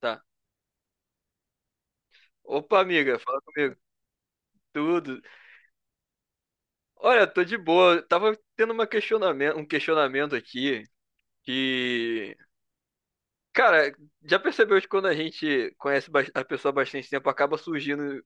Tá. Opa, amiga, fala comigo. Tudo. Olha, tô de boa. Eu tava tendo uma questionamento, um questionamento aqui que, cara, já percebeu que quando a gente conhece a pessoa há bastante tempo, acaba surgindo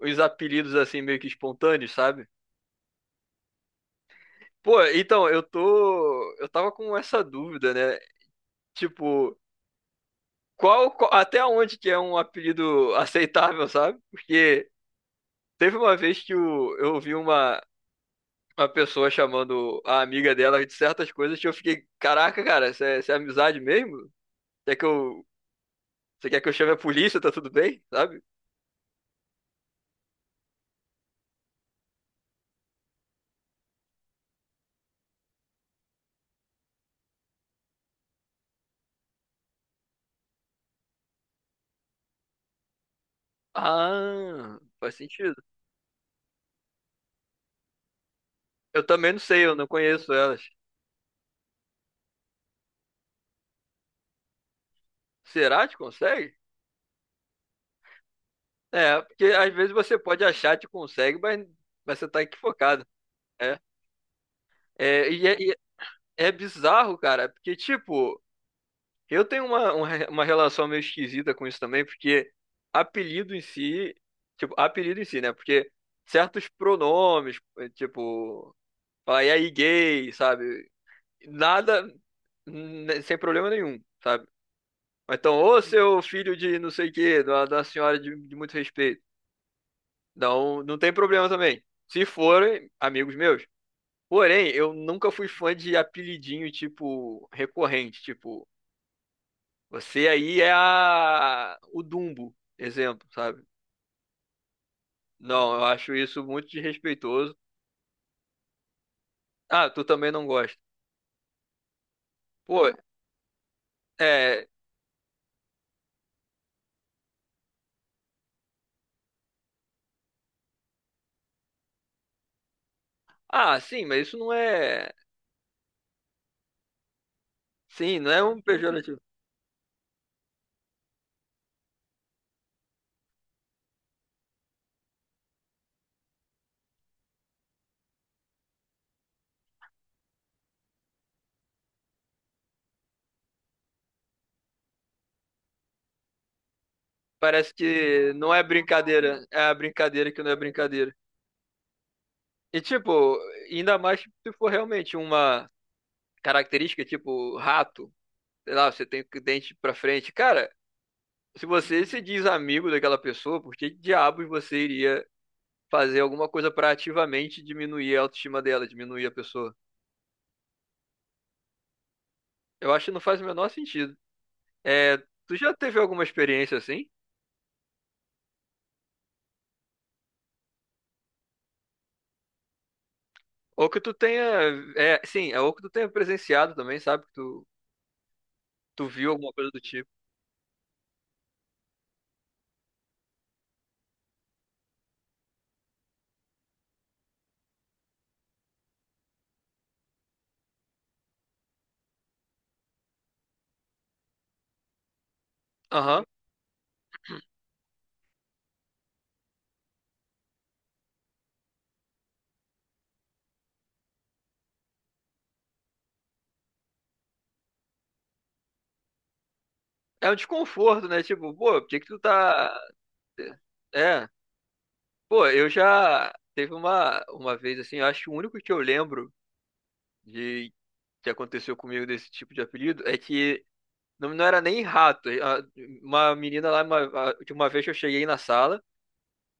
uns apelidos assim meio que espontâneos, sabe? Pô, então, eu tava com essa dúvida, né? Tipo, até onde que é um apelido aceitável, sabe? Porque teve uma vez que eu ouvi uma pessoa chamando a amiga dela de certas coisas que eu fiquei, caraca, cara, isso é amizade mesmo? Quer que eu, você quer que eu chame a polícia, tá tudo bem? Sabe? Ah, faz sentido. Eu também não sei, eu não conheço elas. Será que consegue? É, porque às vezes você pode achar que consegue, mas você tá equivocado. É, é, e é bizarro, cara, porque tipo. Eu tenho uma, uma relação meio esquisita com isso também, porque apelido em si, tipo, apelido em si, né? Porque certos pronomes, tipo, falar, e aí gay, sabe? Nada, sem problema nenhum, sabe? Ou então, ô seu filho de não sei o quê, da senhora de muito respeito. Não, não tem problema também. Se forem amigos meus. Porém, eu nunca fui fã de apelidinho, tipo, recorrente, tipo. Você aí é a... o Dumbo, exemplo, sabe? Não, eu acho isso muito desrespeitoso. Ah, tu também não gosta. Pô, é. Ah, sim, mas isso não é. Sim, não é um pejorativo. Parece que não é brincadeira. É a brincadeira que não é brincadeira. E, tipo, ainda mais se for realmente uma característica, tipo, rato. Sei lá, você tem dente pra frente. Cara, se você se diz amigo daquela pessoa, por que diabos você iria fazer alguma coisa para ativamente diminuir a autoestima dela, diminuir a pessoa. Eu acho que não faz o menor sentido. É, tu já teve alguma experiência assim? Ou que tu tenha, é, sim, é ou que tu tenha presenciado também, sabe? Tu viu alguma coisa do tipo. Aham. É um desconforto, né? Tipo, pô, por que que tu tá... É, pô, eu já teve uma vez assim, eu acho que o único que eu lembro de que aconteceu comigo desse tipo de apelido é que não, não era nem rato. Uma menina lá, de uma vez que eu cheguei na sala,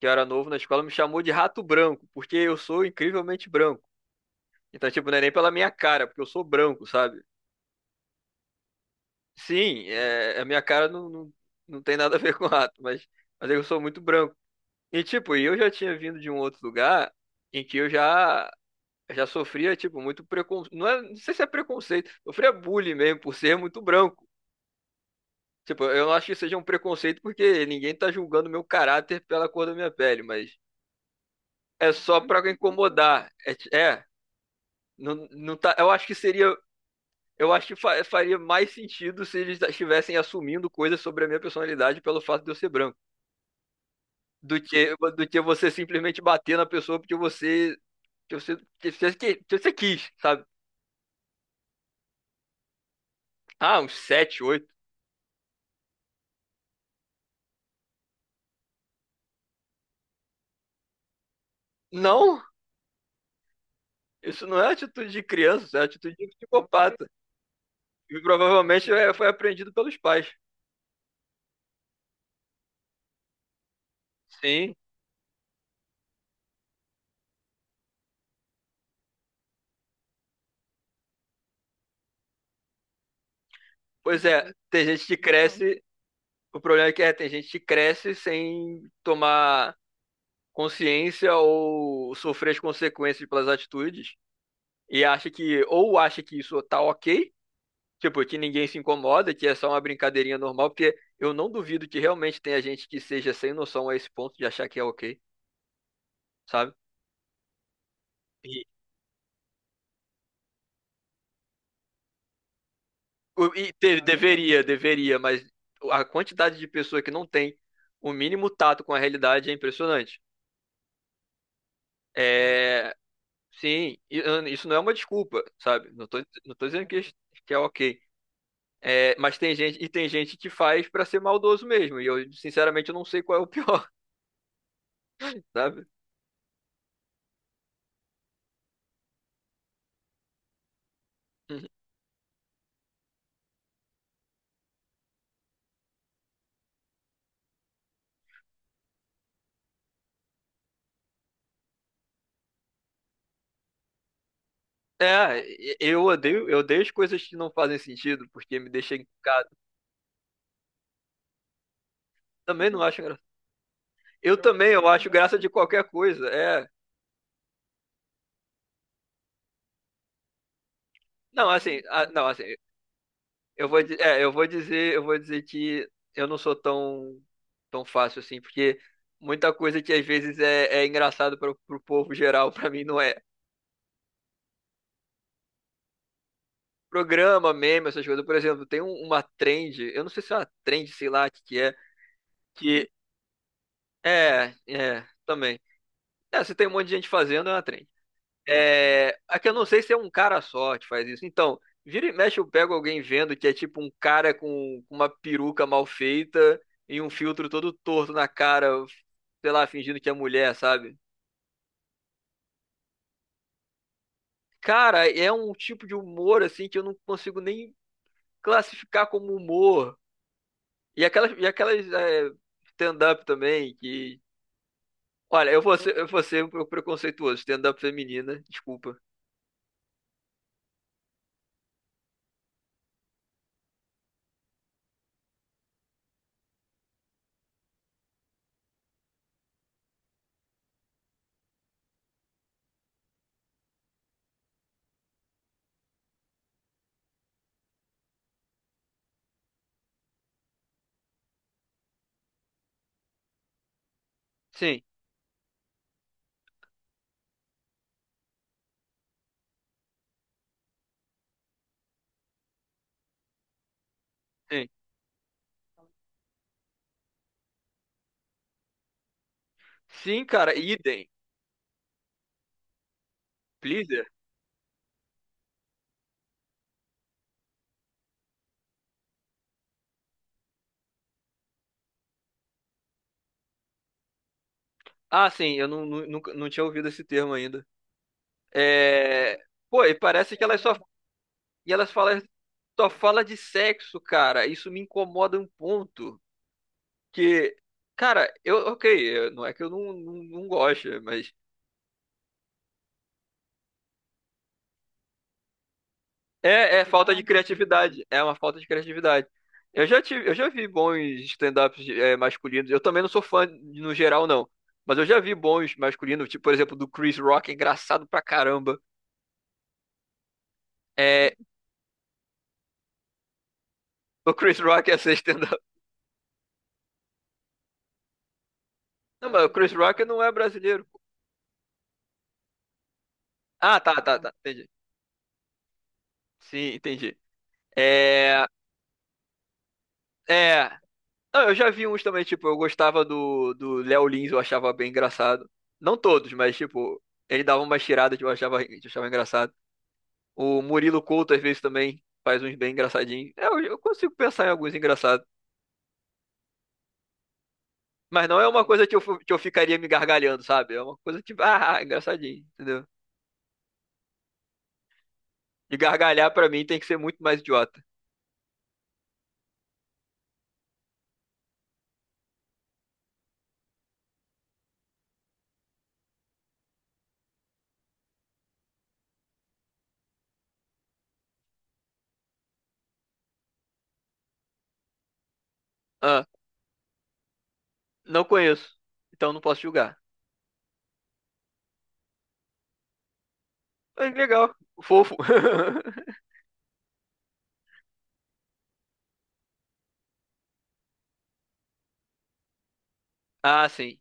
que eu era novo na escola, me chamou de rato branco, porque eu sou incrivelmente branco. Então, tipo, não é nem pela minha cara, porque eu sou branco, sabe? Sim, é, a minha cara não tem nada a ver com rato, mas eu sou muito branco. E, tipo, eu já tinha vindo de um outro lugar em que já sofria, tipo, muito preconceito. Não é, não sei se é preconceito, eu sofria bullying mesmo por ser muito branco. Tipo, eu não acho que seja um preconceito porque ninguém tá julgando meu caráter pela cor da minha pele, mas é só pra incomodar. É, é, não, não tá, eu acho que seria, eu acho que faria mais sentido se eles estivessem assumindo coisas sobre a minha personalidade pelo fato de eu ser branco, do que você simplesmente bater na pessoa porque que você quis, sabe? Ah, uns sete, oito. Não, isso não é atitude de criança, isso é atitude de psicopata. E provavelmente foi aprendido pelos pais. Sim. Pois é, tem gente que cresce. O problema é que é, tem gente que cresce sem tomar consciência ou sofrer as consequências pelas atitudes e acha que, ou acha que isso tá ok, tipo, que ninguém se incomoda, que é só uma brincadeirinha normal, porque eu não duvido que realmente tenha gente que seja sem noção a esse ponto de achar que é ok, sabe? E, deveria, deveria, mas a quantidade de pessoa que não tem o mínimo tato com a realidade é impressionante. É, sim, e, ah, isso não é uma desculpa, sabe? Não tô dizendo que é ok. É, mas tem gente, e tem gente que faz pra ser maldoso mesmo. E eu, sinceramente, eu não sei qual é o pior, sabe? É, eu odeio as coisas que não fazem sentido, porque me deixam encucado. Também não acho graça. Eu também, eu acho graça de qualquer coisa. É. Não, assim, ah, não, assim, eu vou, é, eu vou dizer que eu não sou tão, tão fácil assim, porque muita coisa que às vezes é engraçado para o povo geral, para mim não é. Programa, meme, essas coisas. Por exemplo, tem uma trend, eu não sei se é uma trend, sei lá o que que é, é, também. É, se tem um monte de gente fazendo, é uma trend. É, é que eu não sei se é um cara só que faz isso. Então, vira e mexe, eu pego alguém vendo que é tipo um cara com uma peruca mal feita e um filtro todo torto na cara, sei lá, fingindo que é mulher, sabe? Cara, é um tipo de humor assim que eu não consigo nem classificar como humor. E aquelas stand-up também que. Olha, eu vou ser um preconceituoso, stand-up feminina, desculpa. Sim, sim. Sim, cara, idem. Please. Ah, sim, eu não, nu- nunca, não tinha ouvido esse termo ainda. É... Pô, e parece que elas só. E elas falam, só fala de sexo, cara. Isso me incomoda um ponto. Que, cara, eu, ok, não é que eu não, não, não goste, mas é, é falta de criatividade. É uma falta de criatividade. Eu já vi bons stand-ups masculinos. Eu também não sou fã no geral, não. Mas eu já vi bons masculinos, tipo, por exemplo, do Chris Rock, é engraçado pra caramba. É, o Chris Rock ia ser stand-up. Não, mas o Chris Rock não é brasileiro. Ah, tá, tá, tá. Entendi. Sim, entendi. É. É. Não, eu já vi uns também, tipo, eu gostava do Léo Lins, eu achava bem engraçado. Não todos, mas, tipo, ele dava umas tiradas que que eu achava engraçado. O Murilo Couto, às vezes, também faz uns bem engraçadinhos. É, eu consigo pensar em alguns engraçados. Mas não é uma coisa que eu, que eu ficaria me gargalhando, sabe? É uma coisa tipo, ah, engraçadinho, entendeu? E gargalhar, pra mim, tem que ser muito mais idiota. Ah, não conheço, então não posso julgar. Ah, que legal, fofo. Ah, sim.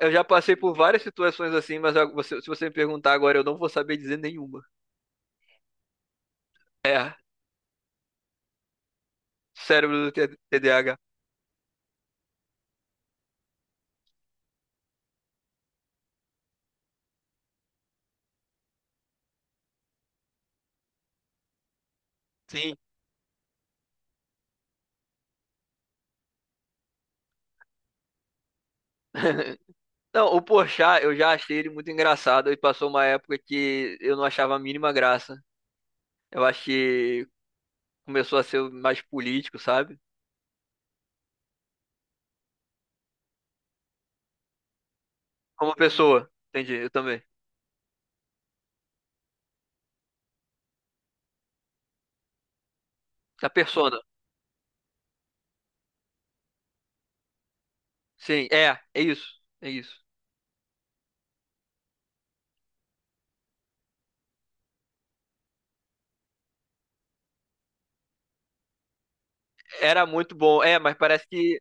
Eu já passei por várias situações assim, mas ah, se você me perguntar agora, eu não vou saber dizer nenhuma. É, cérebro do TDAH. Sim. Não, o Porchat, eu já achei ele muito engraçado e passou uma época que eu não achava a mínima graça. Eu acho que começou a ser mais político, sabe? Como pessoa, entendi, eu também. A persona. Sim, é, é isso, é isso. Era muito bom, é, mas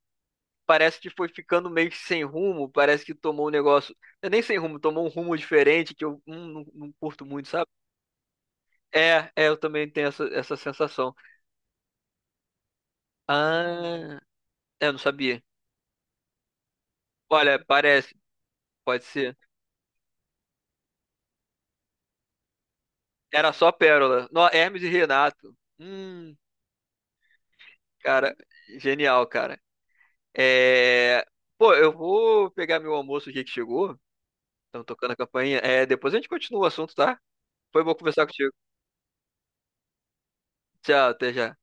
parece que foi ficando meio que sem rumo, parece que tomou um negócio, não é nem sem rumo, tomou um rumo diferente que eu não, não curto muito, sabe? É, é, eu também tenho essa, essa sensação. Ah, é, eu não sabia. Olha, parece, pode ser. Era só Pérola. No, Hermes e Renato. Cara, genial, cara. É, pô, eu vou pegar meu almoço aqui que chegou. Estão tocando a campainha. É, depois a gente continua o assunto, tá? Foi bom conversar contigo. Tchau, até já.